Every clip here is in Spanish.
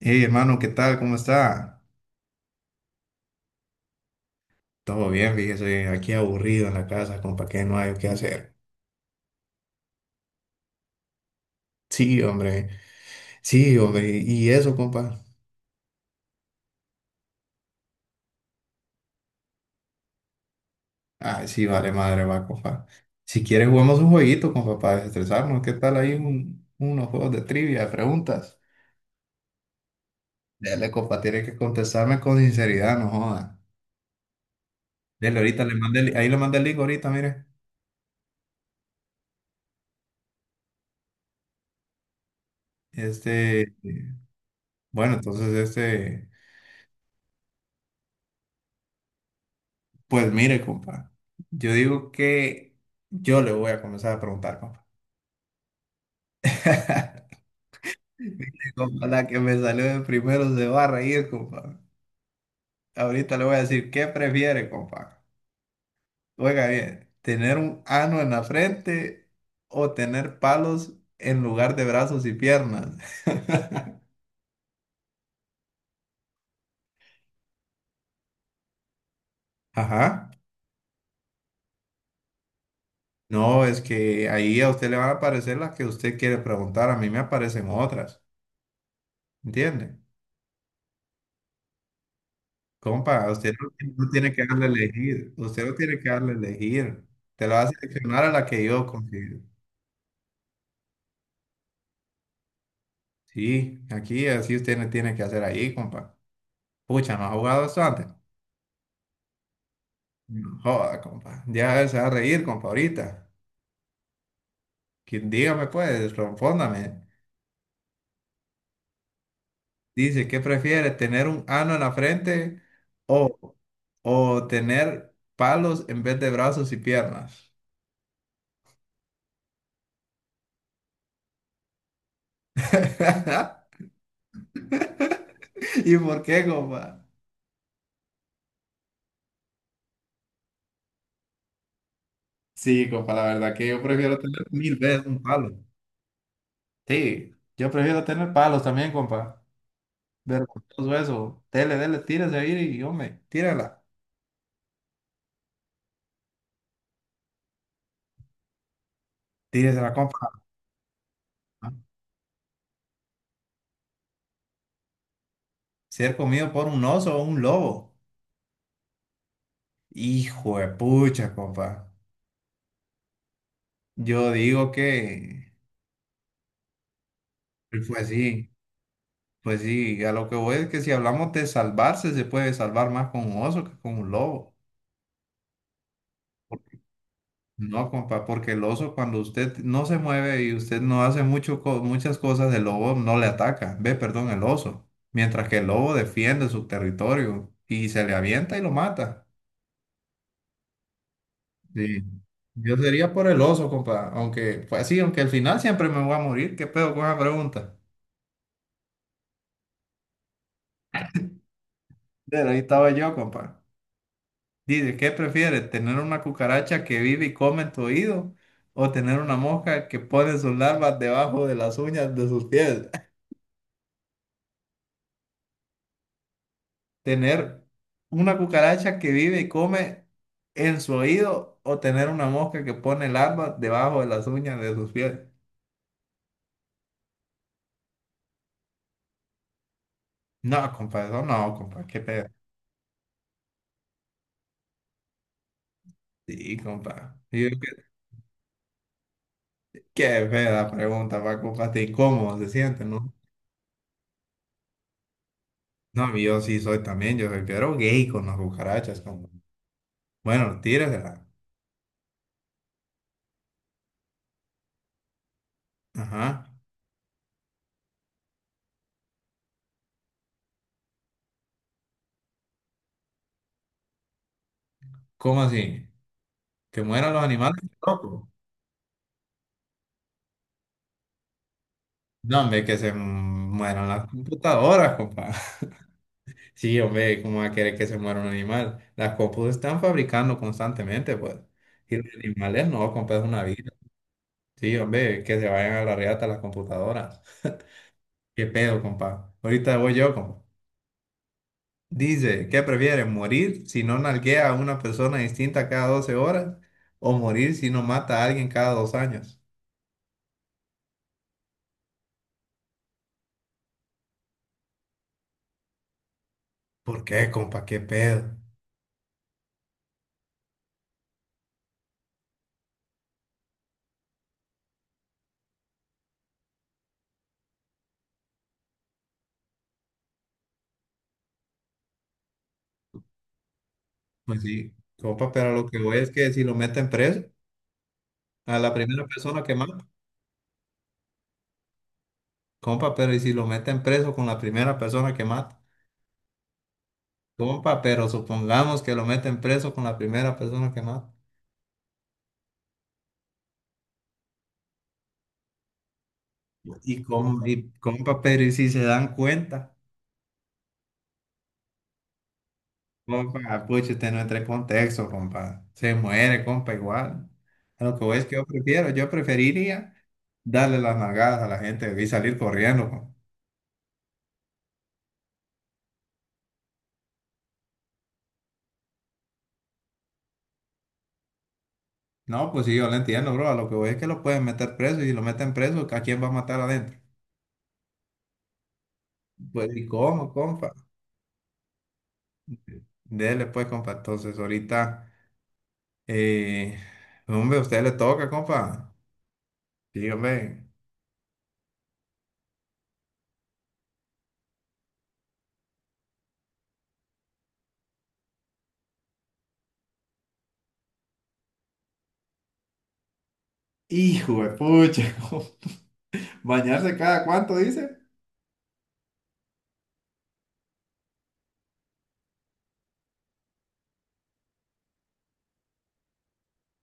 Hey, hermano, ¿qué tal? ¿Cómo está? Todo bien, fíjese, aquí aburrido en la casa, compa, que no hay qué hacer. Sí, hombre, sí, hombre, y eso, compa. Ah, sí, vale, madre, va, compa. Si quieres, jugamos un jueguito, compa, para desestresarnos. ¿Qué tal ahí unos juegos de trivia, de preguntas? Dele, compa, tiene que contestarme con sinceridad, no joda. Dele, ahorita le mandé, ahí le mandé el link ahorita, mire. Este, bueno, entonces, pues mire, compa, yo digo que yo le voy a comenzar a preguntar, compa. Compa, la que me salude primero se va a reír, compa. Ahorita le voy a decir, ¿qué prefiere, compa? Oiga bien, ¿tener un ano en la frente o tener palos en lugar de brazos y piernas? Ajá. No, es que ahí a usted le van a aparecer las que usted quiere preguntar, a mí me aparecen otras, ¿entiende? Compa, a usted no, tiene que darle a elegir, usted no tiene que darle a elegir, te la va a seleccionar a la que yo considero. Sí, aquí así usted no tiene que hacer ahí, compa. Pucha, ¿no ha jugado esto antes? No joda, compa. Ya se va a reír, compa, ahorita. Dígame, pues, respóndame. Dice, ¿qué prefiere, tener un ano en la frente o, o tener palos en vez de brazos y piernas? ¿Y por qué, compa? Sí, compa, la verdad que yo prefiero tener mil veces un palo. Sí, yo prefiero tener palos también, compa. Vergonzoso eso. Dele, dele, tírese ahí y hombre, tírala. Tírese compa. ¿No? Ser comido por un oso o un lobo. Hijo de pucha, compa. Yo digo que, pues sí, pues sí, a lo que voy es que si hablamos de salvarse, se puede salvar más con un oso que con un lobo. No, compa, porque el oso cuando usted no se mueve y usted no hace muchas cosas, el lobo no le ataca. Ve, perdón, el oso. Mientras que el lobo defiende su territorio y se le avienta y lo mata. Sí. Yo sería por el oso, compa. Aunque, pues sí, aunque al final siempre me voy a morir. ¿Qué pedo con esa pregunta? Pero ahí estaba yo, compa. Dice, ¿qué prefiere? ¿Tener una cucaracha que vive y come en tu oído? ¿O tener una mosca que pone sus larvas debajo de las uñas de sus pies? Tener una cucaracha que vive y come en su oído o tener una mosca que pone larvas debajo de las uñas de sus pies. No, compa, eso no, compa, qué pedo. Sí, compa. Y yo, qué, qué fea pregunta, pa, compa, hasta incómodo se siente, ¿no? No, yo sí soy también, yo soy pero gay con las cucarachas, compa. Bueno, tíresela. Ajá. ¿Cómo así? ¿Que mueran los animales? Loco. No, hombre, que se mueran las computadoras, compa. Sí, hombre, ¿cómo va a querer que se muera un animal? Las compus están fabricando constantemente, pues. Y los animales no, compa, es una vida. Sí, hombre, que se vayan a la reata las computadoras. ¿Qué pedo, compa? Ahorita voy yo, compa. Dice, ¿qué prefieres? ¿Morir si no nalguea a una persona distinta cada 12 horas? ¿O morir si no mata a alguien cada dos años? ¿Por qué, compa? ¿Qué pedo? Pues sí, compa, pero lo que voy es que si lo meten preso a la primera persona que mata. Compa, pero ¿y si lo meten preso con la primera persona que mata? Compa, pero supongamos que lo meten preso con la primera persona que mata. Y compa, pero ¿y si se dan cuenta? Compa, ah, pucha, usted no entra en contexto, compa. Se muere, compa, igual. A lo que voy es que yo prefiero, yo preferiría darle las nalgadas a la gente y salir corriendo, compa. No, pues sí, yo lo entiendo, bro. A lo que voy es que lo pueden meter preso y si lo meten preso, ¿a quién va a matar adentro? Pues, ¿y cómo, compa? Dele, pues, compa. Entonces, ahorita. Eh, hombre, a usted le toca, compa. Dígame. Hijo de pucha, bañarse cada cuánto dice.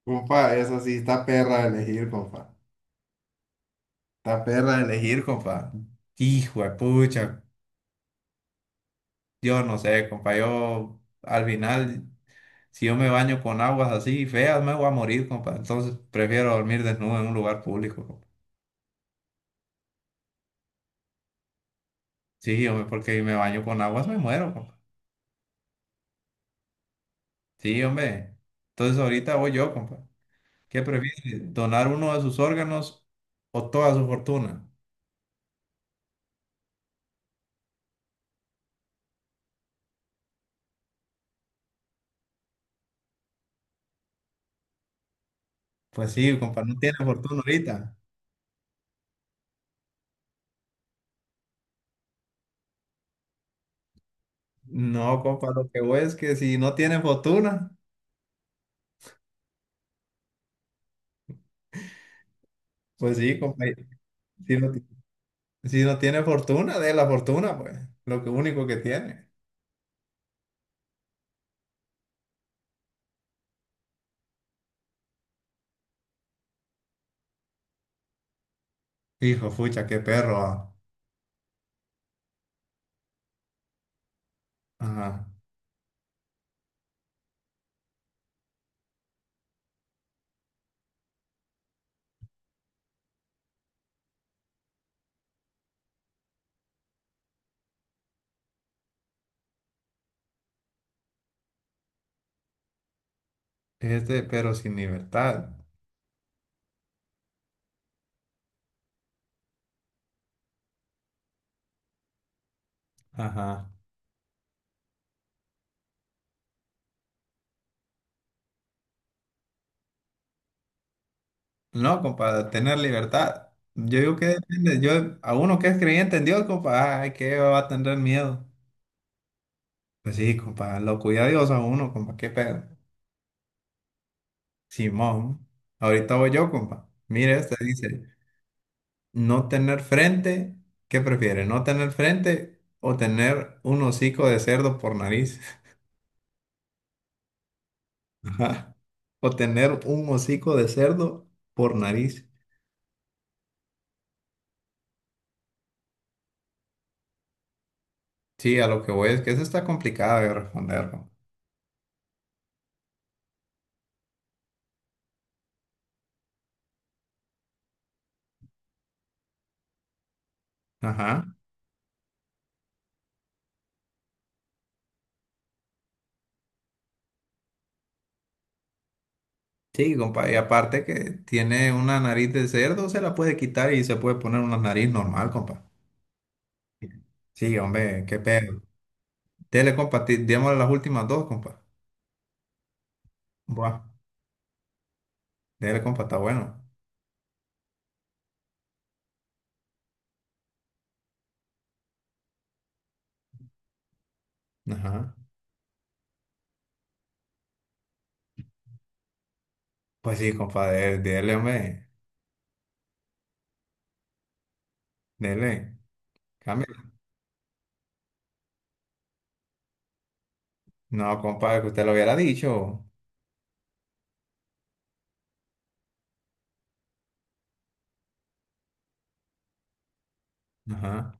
Compa, eso sí, está perra de elegir, compa. Está perra de elegir, compa. Hijo de pucha. Yo no sé, compa. Yo, al final, si yo me baño con aguas así feas, me voy a morir, compa. Entonces, prefiero dormir desnudo en un lugar público, compa. Sí, hombre, porque si me baño con aguas, me muero, compa. Sí, hombre. Entonces, ahorita voy yo, compa. ¿Qué prefiere? ¿Donar uno de sus órganos o toda su fortuna? Pues sí, compa, no tiene fortuna ahorita. No, compa, lo que voy es que si no tiene fortuna, pues sí, compa, si no, ti- si no tiene fortuna, de la fortuna, pues, lo que único que tiene. Hijo, fucha, qué perro. Ah. Ajá. Este, pero sin libertad. Ajá. No, compa, tener libertad. Yo digo que depende, yo, a uno que es creyente en Dios, compa, ay, qué va a tener miedo. Pues sí, compa, lo cuida Dios a uno, compa, qué pedo. Simón, ahorita voy yo, compa. Mire, este dice, no tener frente, ¿qué prefiere? ¿No tener frente o tener un hocico de cerdo por nariz? Ajá. O tener un hocico de cerdo por nariz. Sí, a lo que voy es que eso está complicado de responder, compa. Ajá. Sí, compa, y aparte que tiene una nariz de cerdo, se la puede quitar y se puede poner una nariz normal, compa. Sí, hombre, qué pedo. Dele, compa, démosle las últimas dos, compa. Buah, dele, compa, está bueno. Ajá. Pues sí, compa, dele, dele, hombre. Dele. Cambia. No, compa, que usted lo hubiera dicho. Ajá.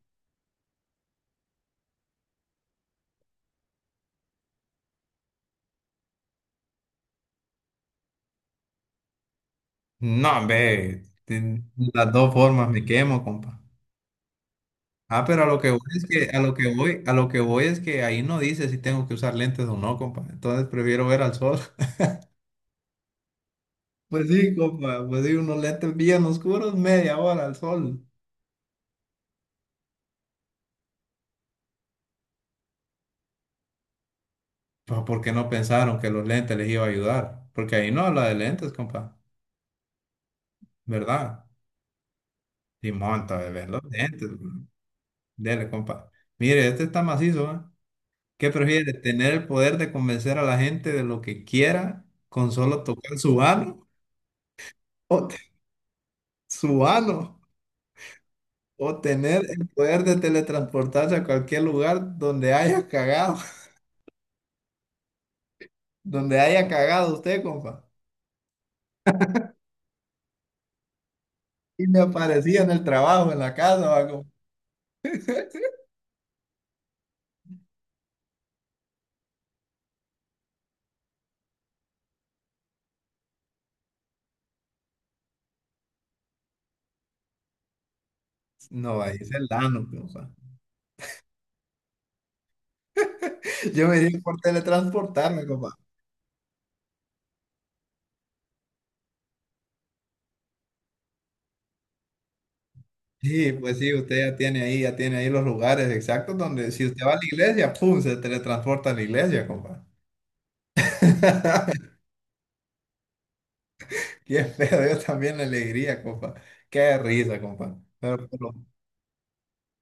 No, hombre. Las dos formas me quemo, compa. Ah, pero a lo que voy es que, a lo que voy, a lo que voy es que ahí no dice si tengo que usar lentes o no, compa. Entonces prefiero ver al sol. Pues sí, compa, pues sí, unos lentes bien oscuros, media hora al sol. Pues, ¿por qué no pensaron que los lentes les iba a ayudar? Porque ahí no habla de lentes, compa, ¿verdad? Y monta, bebé, los lentes. Bro. Dele, compa. Mire, este está macizo, ¿eh? ¿Qué prefiere? ¿Tener el poder de convencer a la gente de lo que quiera con solo tocar su ano? ¿O te- ¿Su ano? ¿O tener el poder de teletransportarse a cualquier lugar donde haya cagado? Donde haya cagado usted, compa. Y me aparecía en el trabajo, en la casa, va, compa. No, ahí es el ano, compa. Yo me iría por teletransportarme, compa. Sí, pues sí, usted ya tiene ahí los lugares exactos donde si usted va a la iglesia, ¡pum! Se teletransporta a la iglesia, compa. Qué feo, yo también le alegría, compa. Qué risa, compa. pero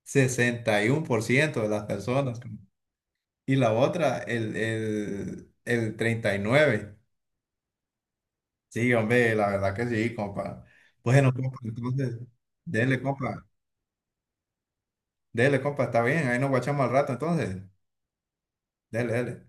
61% de las personas, compa. Y la otra, el 39%. Sí, hombre, la verdad que sí, compa. Bueno, compa, entonces, dele, compa. Dele, compa, está bien. Ahí nos guachamos al rato, entonces. Dele, dele.